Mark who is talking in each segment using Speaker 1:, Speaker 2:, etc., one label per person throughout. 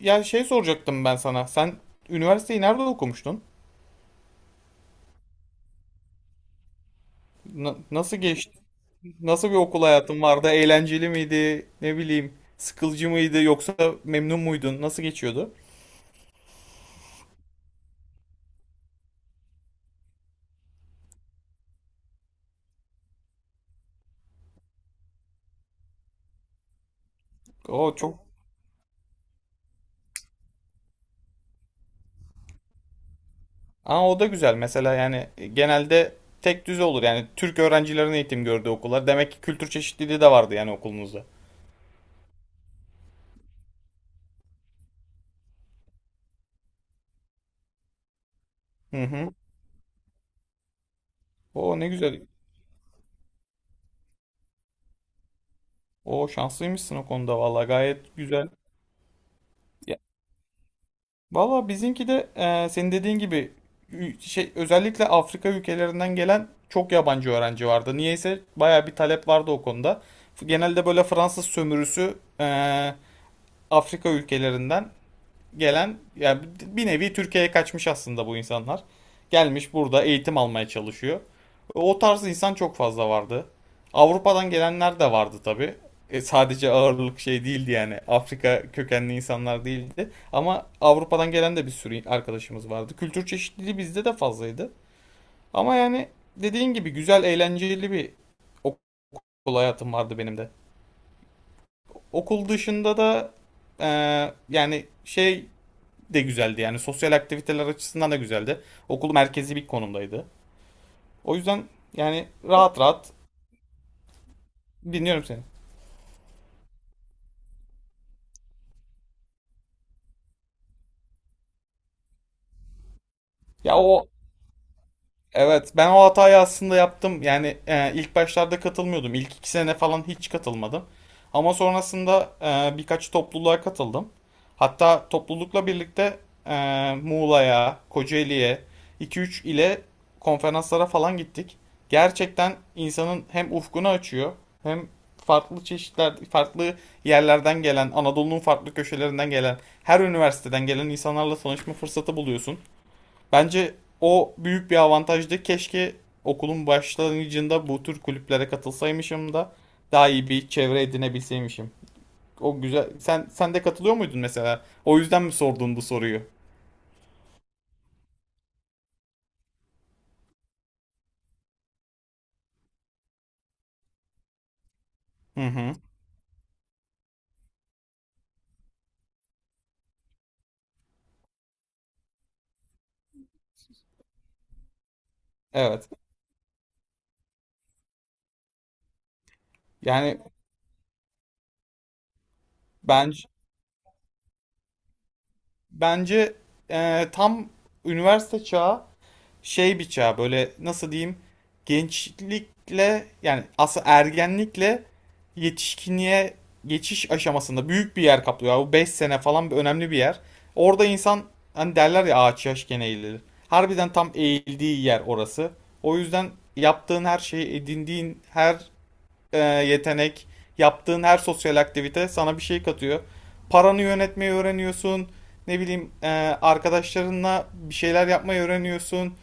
Speaker 1: Ya şey soracaktım ben sana. Sen üniversiteyi nerede okumuştun? Nasıl geçti? Nasıl bir okul hayatın vardı? Eğlenceli miydi? Ne bileyim, sıkılcı mıydı yoksa memnun muydun? Nasıl geçiyordu? O çok. Aa, o da güzel. Mesela yani genelde tek düze olur. Yani Türk öğrencilerin eğitim gördüğü okullar. Demek ki kültür çeşitliliği de vardı yani okulunuzda. Hı hı. O ne güzel. O şanslıymışsın o konuda, vallahi gayet güzel. Valla bizimki de senin dediğin gibi şey özellikle Afrika ülkelerinden gelen çok yabancı öğrenci vardı. Niyeyse baya bir talep vardı o konuda. Genelde böyle Fransız sömürüsü e, Afrika ülkelerinden gelen yani bir nevi Türkiye'ye kaçmış aslında bu insanlar. Gelmiş burada eğitim almaya çalışıyor. O tarz insan çok fazla vardı. Avrupa'dan gelenler de vardı tabii. Sadece ağırlık şey değildi yani. Afrika kökenli insanlar değildi. Ama Avrupa'dan gelen de bir sürü arkadaşımız vardı. Kültür çeşitliliği bizde de fazlaydı. Ama yani dediğin gibi güzel, eğlenceli bir okul hayatım vardı benim de. Okul dışında da e, yani şey de güzeldi, yani sosyal aktiviteler açısından da güzeldi. Okul merkezi bir konumdaydı. O yüzden yani rahat rahat dinliyorum seni. Ya o Evet, ben o hatayı aslında yaptım. Yani ilk başlarda katılmıyordum. İlk 2 sene falan hiç katılmadım. Ama sonrasında birkaç topluluğa katıldım. Hatta toplulukla birlikte Muğla'ya, Kocaeli'ye, 2-3 ile konferanslara falan gittik. Gerçekten insanın hem ufkunu açıyor, hem farklı çeşitler, farklı yerlerden gelen, Anadolu'nun farklı köşelerinden gelen, her üniversiteden gelen insanlarla tanışma fırsatı buluyorsun. Bence o büyük bir avantajdı. Keşke okulun başlangıcında bu tür kulüplere katılsaymışım da daha iyi bir çevre edinebilseymişim. O güzel. Sen de katılıyor muydun mesela? O yüzden mi sordun bu soruyu? Hı hı. Evet. Yani bence bence tam üniversite çağı şey bıçağı böyle, nasıl diyeyim, gençlikle yani aslında ergenlikle yetişkinliğe geçiş aşamasında büyük bir yer kaplıyor. Bu 5 sene falan bir önemli bir yer. Orada insan, hani derler ya, ağaç yaşken eğilir. Harbiden tam eğildiği yer orası. O yüzden yaptığın her şey, edindiğin her yetenek, yaptığın her sosyal aktivite sana bir şey katıyor. Paranı yönetmeyi öğreniyorsun. Ne bileyim arkadaşlarınla bir şeyler yapmayı öğreniyorsun.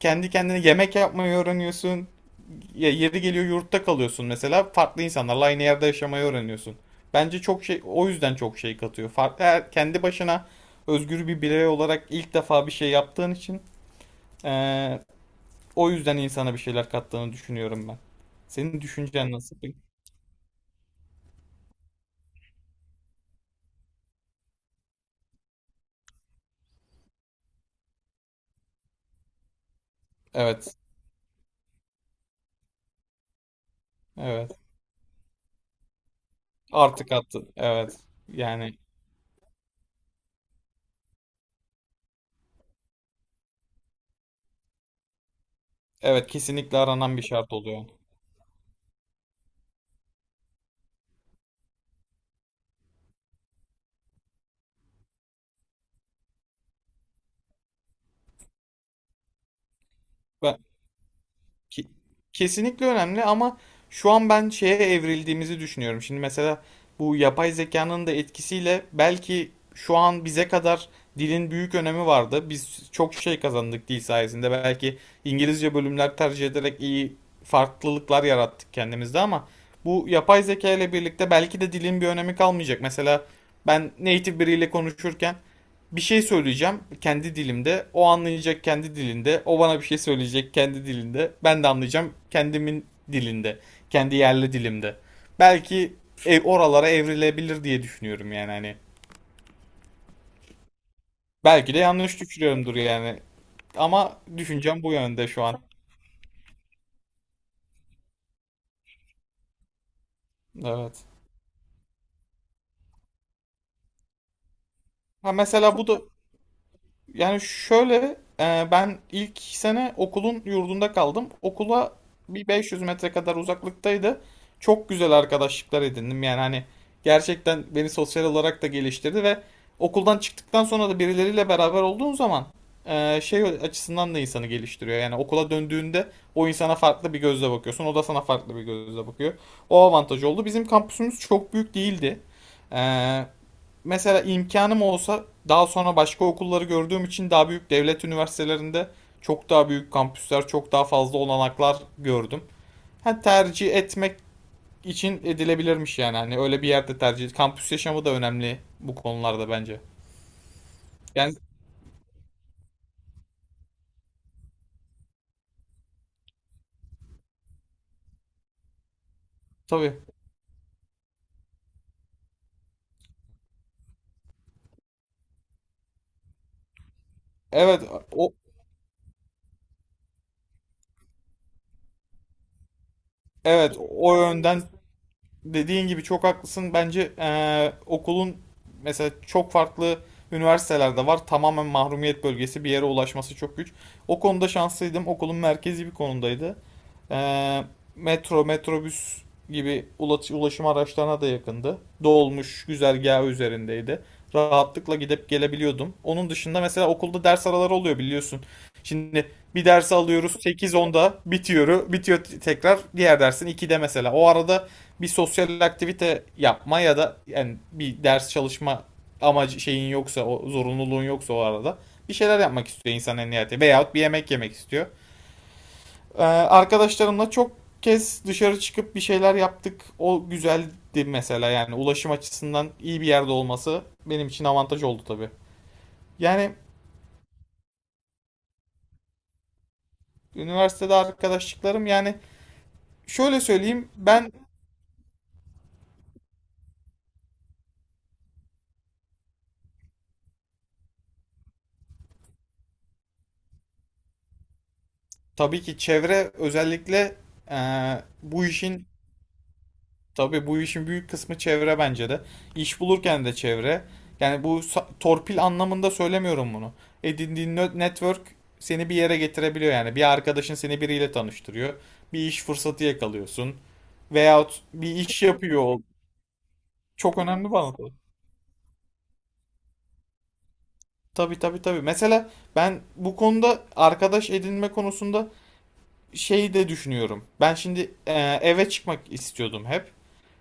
Speaker 1: Kendi kendine yemek yapmayı öğreniyorsun. Ya yeri geliyor yurtta kalıyorsun mesela. Farklı insanlarla aynı yerde yaşamayı öğreniyorsun. Bence çok şey o yüzden çok şey katıyor. Farklı kendi başına özgür bir birey olarak ilk defa bir şey yaptığın için eee, o yüzden insana bir şeyler kattığını düşünüyorum ben. Senin düşüncen nasıl? Evet. Evet. Artık attı. Evet. Yani evet, kesinlikle aranan bir şart oluyor. Ben Ki- Kesinlikle önemli ama şu an ben şeye evrildiğimizi düşünüyorum. Şimdi mesela bu yapay zekanın da etkisiyle belki şu an bize kadar dilin büyük önemi vardı. Biz çok şey kazandık dil sayesinde. Belki İngilizce bölümler tercih ederek iyi farklılıklar yarattık kendimizde ama bu yapay zeka ile birlikte belki de dilin bir önemi kalmayacak. Mesela ben native biriyle konuşurken bir şey söyleyeceğim kendi dilimde. O anlayacak kendi dilinde. O bana bir şey söyleyecek kendi dilinde. Ben de anlayacağım kendimin dilinde. Kendi yerli dilimde. Belki oralara evrilebilir diye düşünüyorum yani hani. Belki de yanlış düşünüyorumdur yani. Ama düşüncem bu yönde şu an. Evet. Ha, mesela bu da. Yani şöyle, ben ilk sene okulun yurdunda kaldım. Okula bir 500 metre kadar uzaklıktaydı. Çok güzel arkadaşlıklar edindim. Yani hani gerçekten beni sosyal olarak da geliştirdi ve okuldan çıktıktan sonra da birileriyle beraber olduğun zaman şey açısından da insanı geliştiriyor. Yani okula döndüğünde o insana farklı bir gözle bakıyorsun. O da sana farklı bir gözle bakıyor. O avantaj oldu. Bizim kampüsümüz çok büyük değildi. E, mesela imkanım olsa, daha sonra başka okulları gördüğüm için, daha büyük devlet üniversitelerinde çok daha büyük kampüsler, çok daha fazla olanaklar gördüm. Ha, tercih etmek için edilebilirmiş yani. Hani öyle bir yerde tercih. Kampüs yaşamı da önemli bu konularda bence. Yani tabii. Evet o evet, o yönden dediğin gibi çok haklısın. Bence okulun mesela çok farklı üniversitelerde var. Tamamen mahrumiyet bölgesi bir yere ulaşması çok güç. O konuda şanslıydım. Okulun merkezi bir konumdaydı. Eee, metro, metrobüs gibi ulaşım araçlarına da yakındı. Dolmuş güzergahı üzerindeydi. Rahatlıkla gidip gelebiliyordum. Onun dışında mesela okulda ders araları oluyor biliyorsun. Şimdi bir dersi alıyoruz sekiz onda bitiyor, tekrar diğer dersin 2'de mesela. O arada bir sosyal aktivite yapma ya da yani bir ders çalışma amacı şeyin yoksa, o zorunluluğun yoksa, o arada bir şeyler yapmak istiyor insan en nihayetinde veyahut bir yemek yemek istiyor. Arkadaşlarımla çok kez dışarı çıkıp bir şeyler yaptık. O güzeldi mesela, yani ulaşım açısından iyi bir yerde olması benim için avantaj oldu tabii. Yani üniversitede arkadaşlıklarım, yani şöyle söyleyeyim, ben tabii ki çevre özellikle e, bu işin Tabii, bu işin büyük kısmı çevre bence de. İş bulurken de çevre. Yani bu torpil anlamında söylemiyorum bunu. Edindiğin network seni bir yere getirebiliyor yani. Bir arkadaşın seni biriyle tanıştırıyor. Bir iş fırsatı yakalıyorsun. Veyahut bir iş yapıyor. Çok önemli bana da. Tabii, tabii, tabii. Mesela ben bu konuda, arkadaş edinme konusunda, şeyi de düşünüyorum. Ben şimdi eve çıkmak istiyordum hep.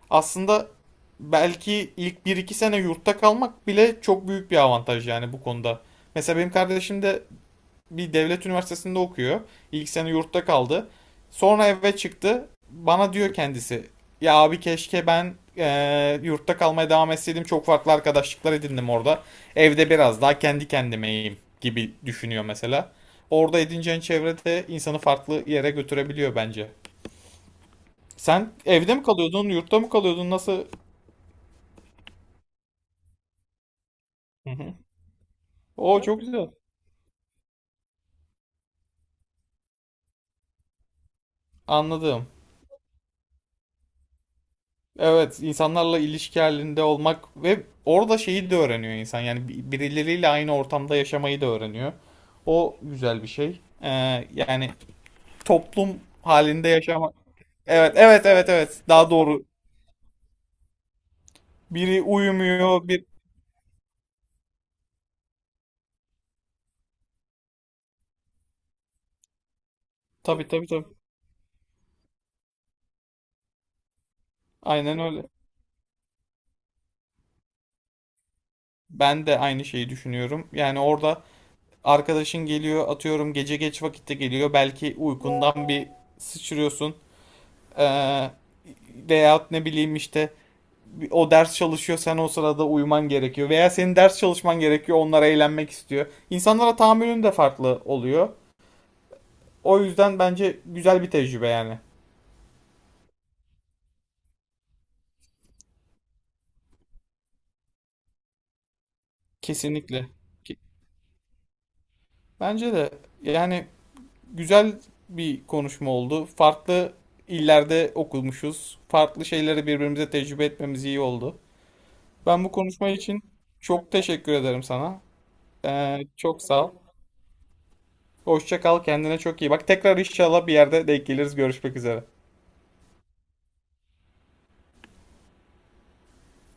Speaker 1: Aslında belki ilk bir iki sene yurtta kalmak bile çok büyük bir avantaj, yani bu konuda. Mesela benim kardeşim de bir devlet üniversitesinde okuyor. İlk sene yurtta kaldı. Sonra eve çıktı. Bana diyor kendisi. Ya abi, keşke ben yurtta kalmaya devam etseydim. Çok farklı arkadaşlıklar edindim orada. Evde biraz daha kendi kendimeyim gibi düşünüyor mesela. Orada edineceğin çevrede insanı farklı yere götürebiliyor bence. Sen evde mi kalıyordun, yurtta mı kalıyordun, nasıl? Hı hı. O çok güzel. Anladım. Evet, insanlarla ilişki halinde olmak ve orada şeyi de öğreniyor insan. Yani birileriyle aynı ortamda yaşamayı da öğreniyor. O güzel bir şey. Yani toplum halinde yaşamak. Evet, evet, evet, evet. Daha doğru. Biri uyumuyor, bir... Tabii, tabii, tabii. Aynen öyle. Ben de aynı şeyi düşünüyorum. Yani orada arkadaşın geliyor, atıyorum gece geç vakitte geliyor. Belki uykundan bir sıçrıyorsun. Ee, veyahut ne bileyim işte, o ders çalışıyor, sen o sırada uyuman gerekiyor veya senin ders çalışman gerekiyor, onlar eğlenmek istiyor. İnsanlara tahammülün de farklı oluyor. O yüzden bence güzel bir tecrübe yani. Kesinlikle. Ki- Bence de yani güzel bir konuşma oldu. Farklı illerde okumuşuz. Farklı şeyleri birbirimize tecrübe etmemiz iyi oldu. Ben bu konuşma için çok teşekkür ederim sana. Çok sağ ol. Hoşça kal, kendine çok iyi bak. Tekrar inşallah bir yerde denk geliriz. Görüşmek üzere.